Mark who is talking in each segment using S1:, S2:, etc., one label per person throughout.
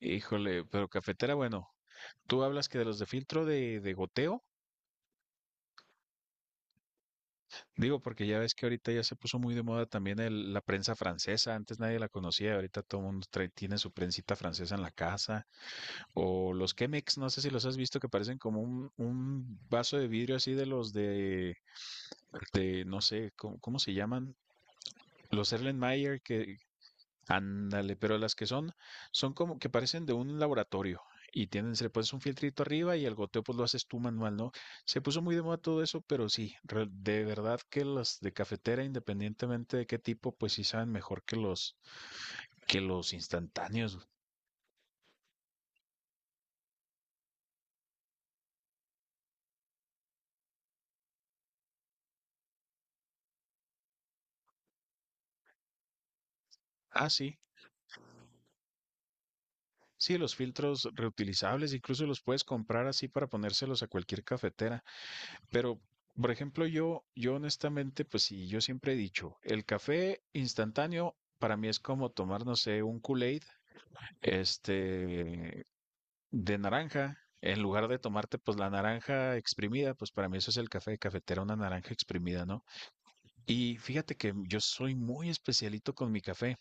S1: Híjole, pero cafetera, bueno, tú hablas que de los de filtro de goteo, digo, porque ya ves que ahorita ya se puso muy de moda también la prensa francesa, antes nadie la conocía, ahorita todo el mundo tiene su prensita francesa en la casa, o los Chemex, no sé si los has visto que parecen como un vaso de vidrio así de los de no sé, ¿cómo se llaman? Los Erlenmeyer que... Ándale, pero las que son como que parecen de un laboratorio y tienen, se le pones un filtrito arriba y el goteo pues lo haces tú manual, ¿no? Se puso muy de moda todo eso, pero sí, de verdad que las de cafetera, independientemente de qué tipo, pues sí saben mejor que los instantáneos. Ah, sí, sí, los filtros reutilizables, incluso los puedes comprar así para ponérselos a cualquier cafetera. Pero, por ejemplo, yo honestamente, pues sí, yo siempre he dicho, el café instantáneo para mí es como tomar, no sé, un Kool-Aid, este, de naranja. En lugar de tomarte, pues la naranja exprimida, pues para mí eso es el café de cafetera, una naranja exprimida, ¿no? Y fíjate que yo soy muy especialito con mi café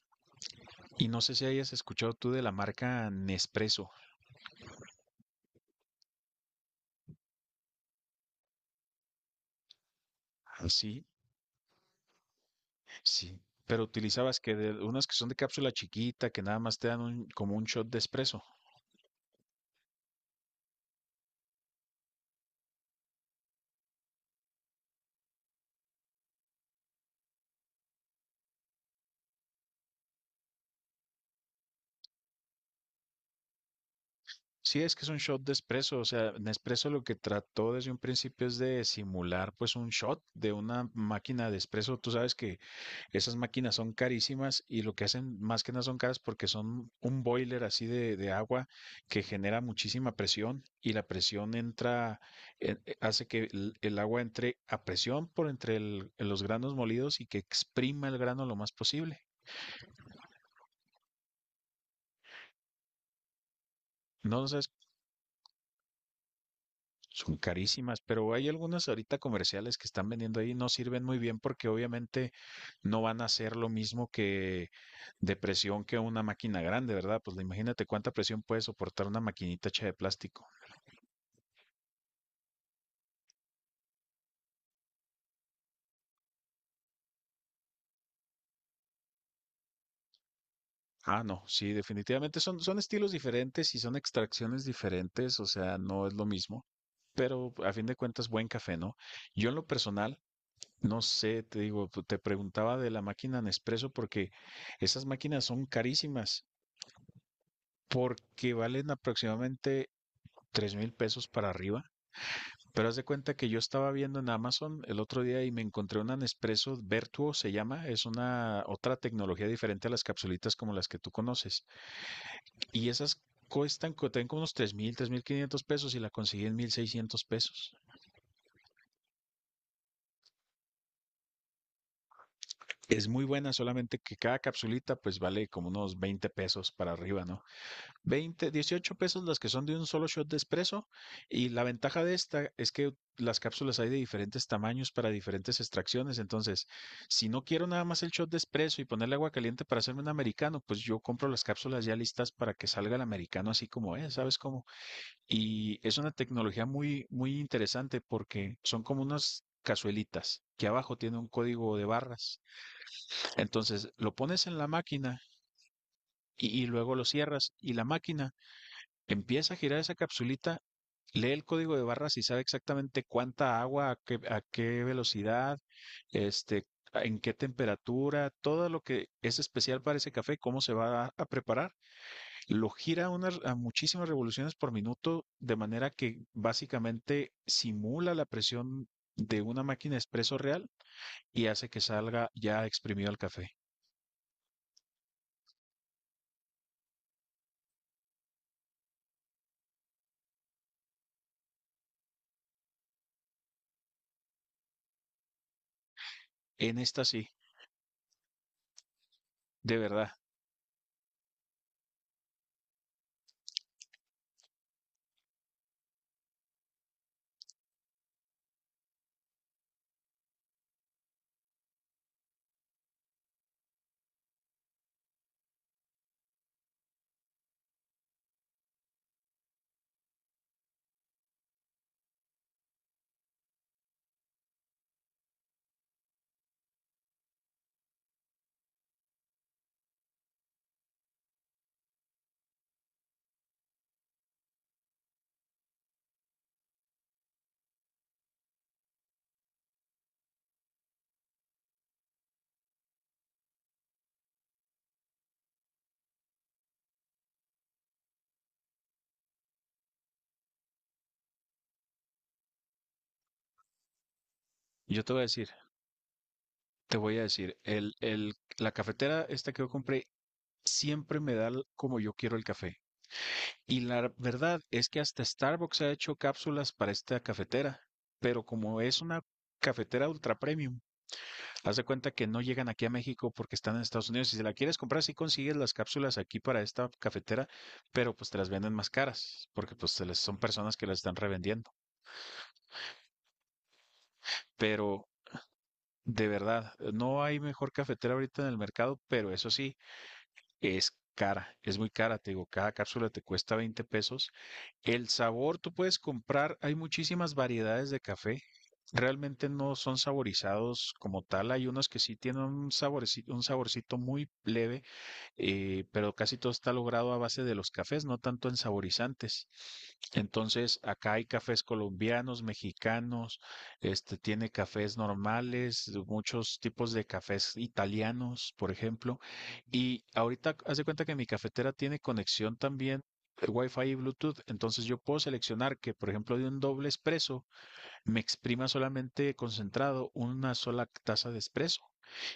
S1: y no sé si hayas escuchado tú de la marca Nespresso. Sí, sí. Pero utilizabas que de, unas que son de cápsula chiquita, que nada más te dan como un shot de espresso. Sí, es que es un shot de espresso, o sea, Nespresso lo que trató desde un principio es de simular pues un shot de una máquina de espresso. Tú sabes que esas máquinas son carísimas y lo que hacen más que nada son caras porque son un boiler así de agua que genera muchísima presión y la presión entra, hace que el agua entre a presión por entre los granos molidos y que exprima el grano lo más posible. No, no sabes. Son carísimas, pero hay algunas ahorita comerciales que están vendiendo ahí, no sirven muy bien porque obviamente no van a hacer lo mismo que de presión que una máquina grande, ¿verdad? Pues imagínate cuánta presión puede soportar una maquinita hecha de plástico. Ah, no, sí, definitivamente son estilos diferentes y son extracciones diferentes, o sea, no es lo mismo, pero a fin de cuentas buen café, ¿no? Yo en lo personal, no sé, te digo, te preguntaba de la máquina Nespresso porque esas máquinas son carísimas, porque valen aproximadamente $3,000 para arriba. Pero haz de cuenta que yo estaba viendo en Amazon el otro día y me encontré una Nespresso Vertuo, se llama, es una otra tecnología diferente a las capsulitas como las que tú conoces. Y esas cuestan, tienen como unos 3,000, $3,500 y la conseguí en $1,600. Es muy buena, solamente que cada capsulita pues vale como unos $20 para arriba, ¿no? Veinte, 18 pesos las que son de un solo shot de espresso, y la ventaja de esta es que las cápsulas hay de diferentes tamaños para diferentes extracciones, entonces si no quiero nada más el shot de espresso y ponerle agua caliente para hacerme un americano, pues yo compro las cápsulas ya listas para que salga el americano así como es, ¿sabes cómo? Y es una tecnología muy muy interesante porque son como unas cazuelitas que abajo tiene un código de barras. Entonces lo pones en la máquina y luego lo cierras y la máquina empieza a girar esa capsulita, lee el código de barras y sabe exactamente cuánta agua, a qué velocidad, este, en qué temperatura, todo lo que es especial para ese café, cómo se va a preparar. Lo gira a unas, a muchísimas revoluciones por minuto, de manera que básicamente simula la presión de una máquina expreso real y hace que salga ya exprimido el café. En esta sí, de verdad. Yo te voy a decir, te voy a decir, la cafetera esta que yo compré siempre me da l- como yo quiero el café. Y la verdad es que hasta Starbucks ha hecho cápsulas para esta cafetera, pero como es una cafetera ultra premium, haz de cuenta que no llegan aquí a México porque están en Estados Unidos. Si se la quieres comprar, sí consigues las cápsulas aquí para esta cafetera, pero pues te las venden más caras, porque pues son personas que las están revendiendo. Pero de verdad, no hay mejor cafetera ahorita en el mercado, pero eso sí, es cara, es muy cara, te digo, cada cápsula te cuesta $20. El sabor tú puedes comprar, hay muchísimas variedades de café, realmente no son saborizados como tal, hay unos que sí tienen un saborcito muy leve, pero casi todo está logrado a base de los cafés, no tanto en saborizantes. Entonces, acá hay cafés colombianos, mexicanos, este tiene cafés normales, muchos tipos de cafés italianos, por ejemplo. Y ahorita hace cuenta que mi cafetera tiene conexión también Wi-Fi y Bluetooth, entonces yo puedo seleccionar que, por ejemplo, de un doble espresso me exprima solamente concentrado una sola taza de espresso.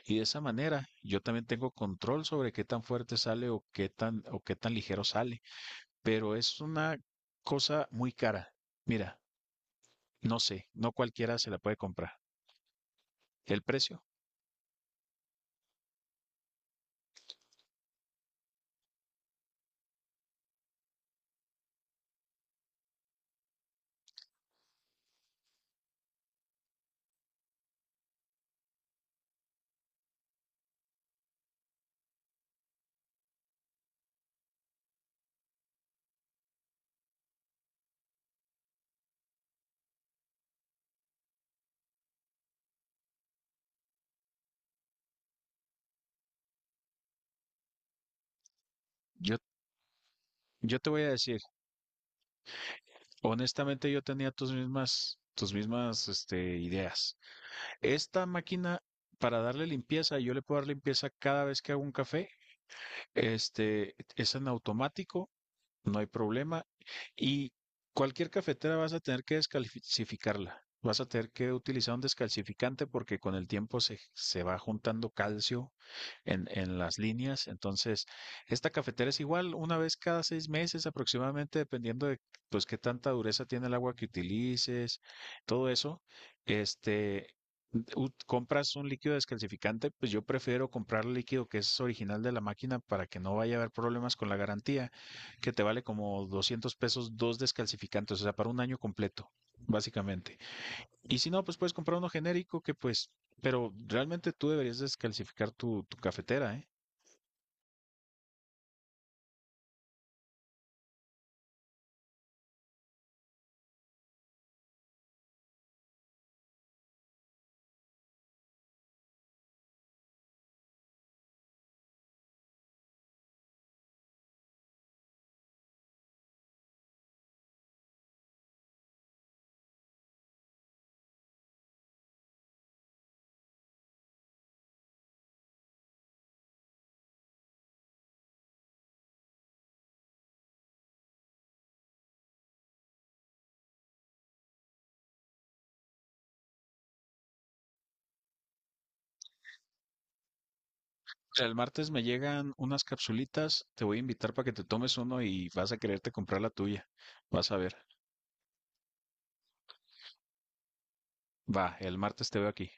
S1: Y de esa manera yo también tengo control sobre qué tan fuerte sale o qué tan ligero sale, pero es una cosa muy cara. Mira, no sé, no cualquiera se la puede comprar. El precio, yo yo te voy a decir, honestamente yo tenía tus mismas ideas. Esta máquina, para darle limpieza, yo le puedo dar limpieza cada vez que hago un café. Este es en automático. No hay problema. Y cualquier cafetera vas a tener que descalcificarla. Vas a tener que utilizar un descalcificante porque con el tiempo se va juntando calcio en las líneas. Entonces, esta cafetera es igual una vez cada 6 meses aproximadamente, dependiendo de pues qué tanta dureza tiene el agua que utilices, todo eso. Este, compras un líquido descalcificante, pues yo prefiero comprar el líquido que es original de la máquina para que no vaya a haber problemas con la garantía, que te vale como $200 dos descalcificantes, o sea, para un año completo, básicamente. Y si no, pues puedes comprar uno genérico, que pues, pero realmente tú deberías descalcificar tu cafetera, ¿eh? O sea, el martes me llegan unas capsulitas, te voy a invitar para que te tomes uno y vas a quererte comprar la tuya. Vas a ver. Va, el martes te veo aquí.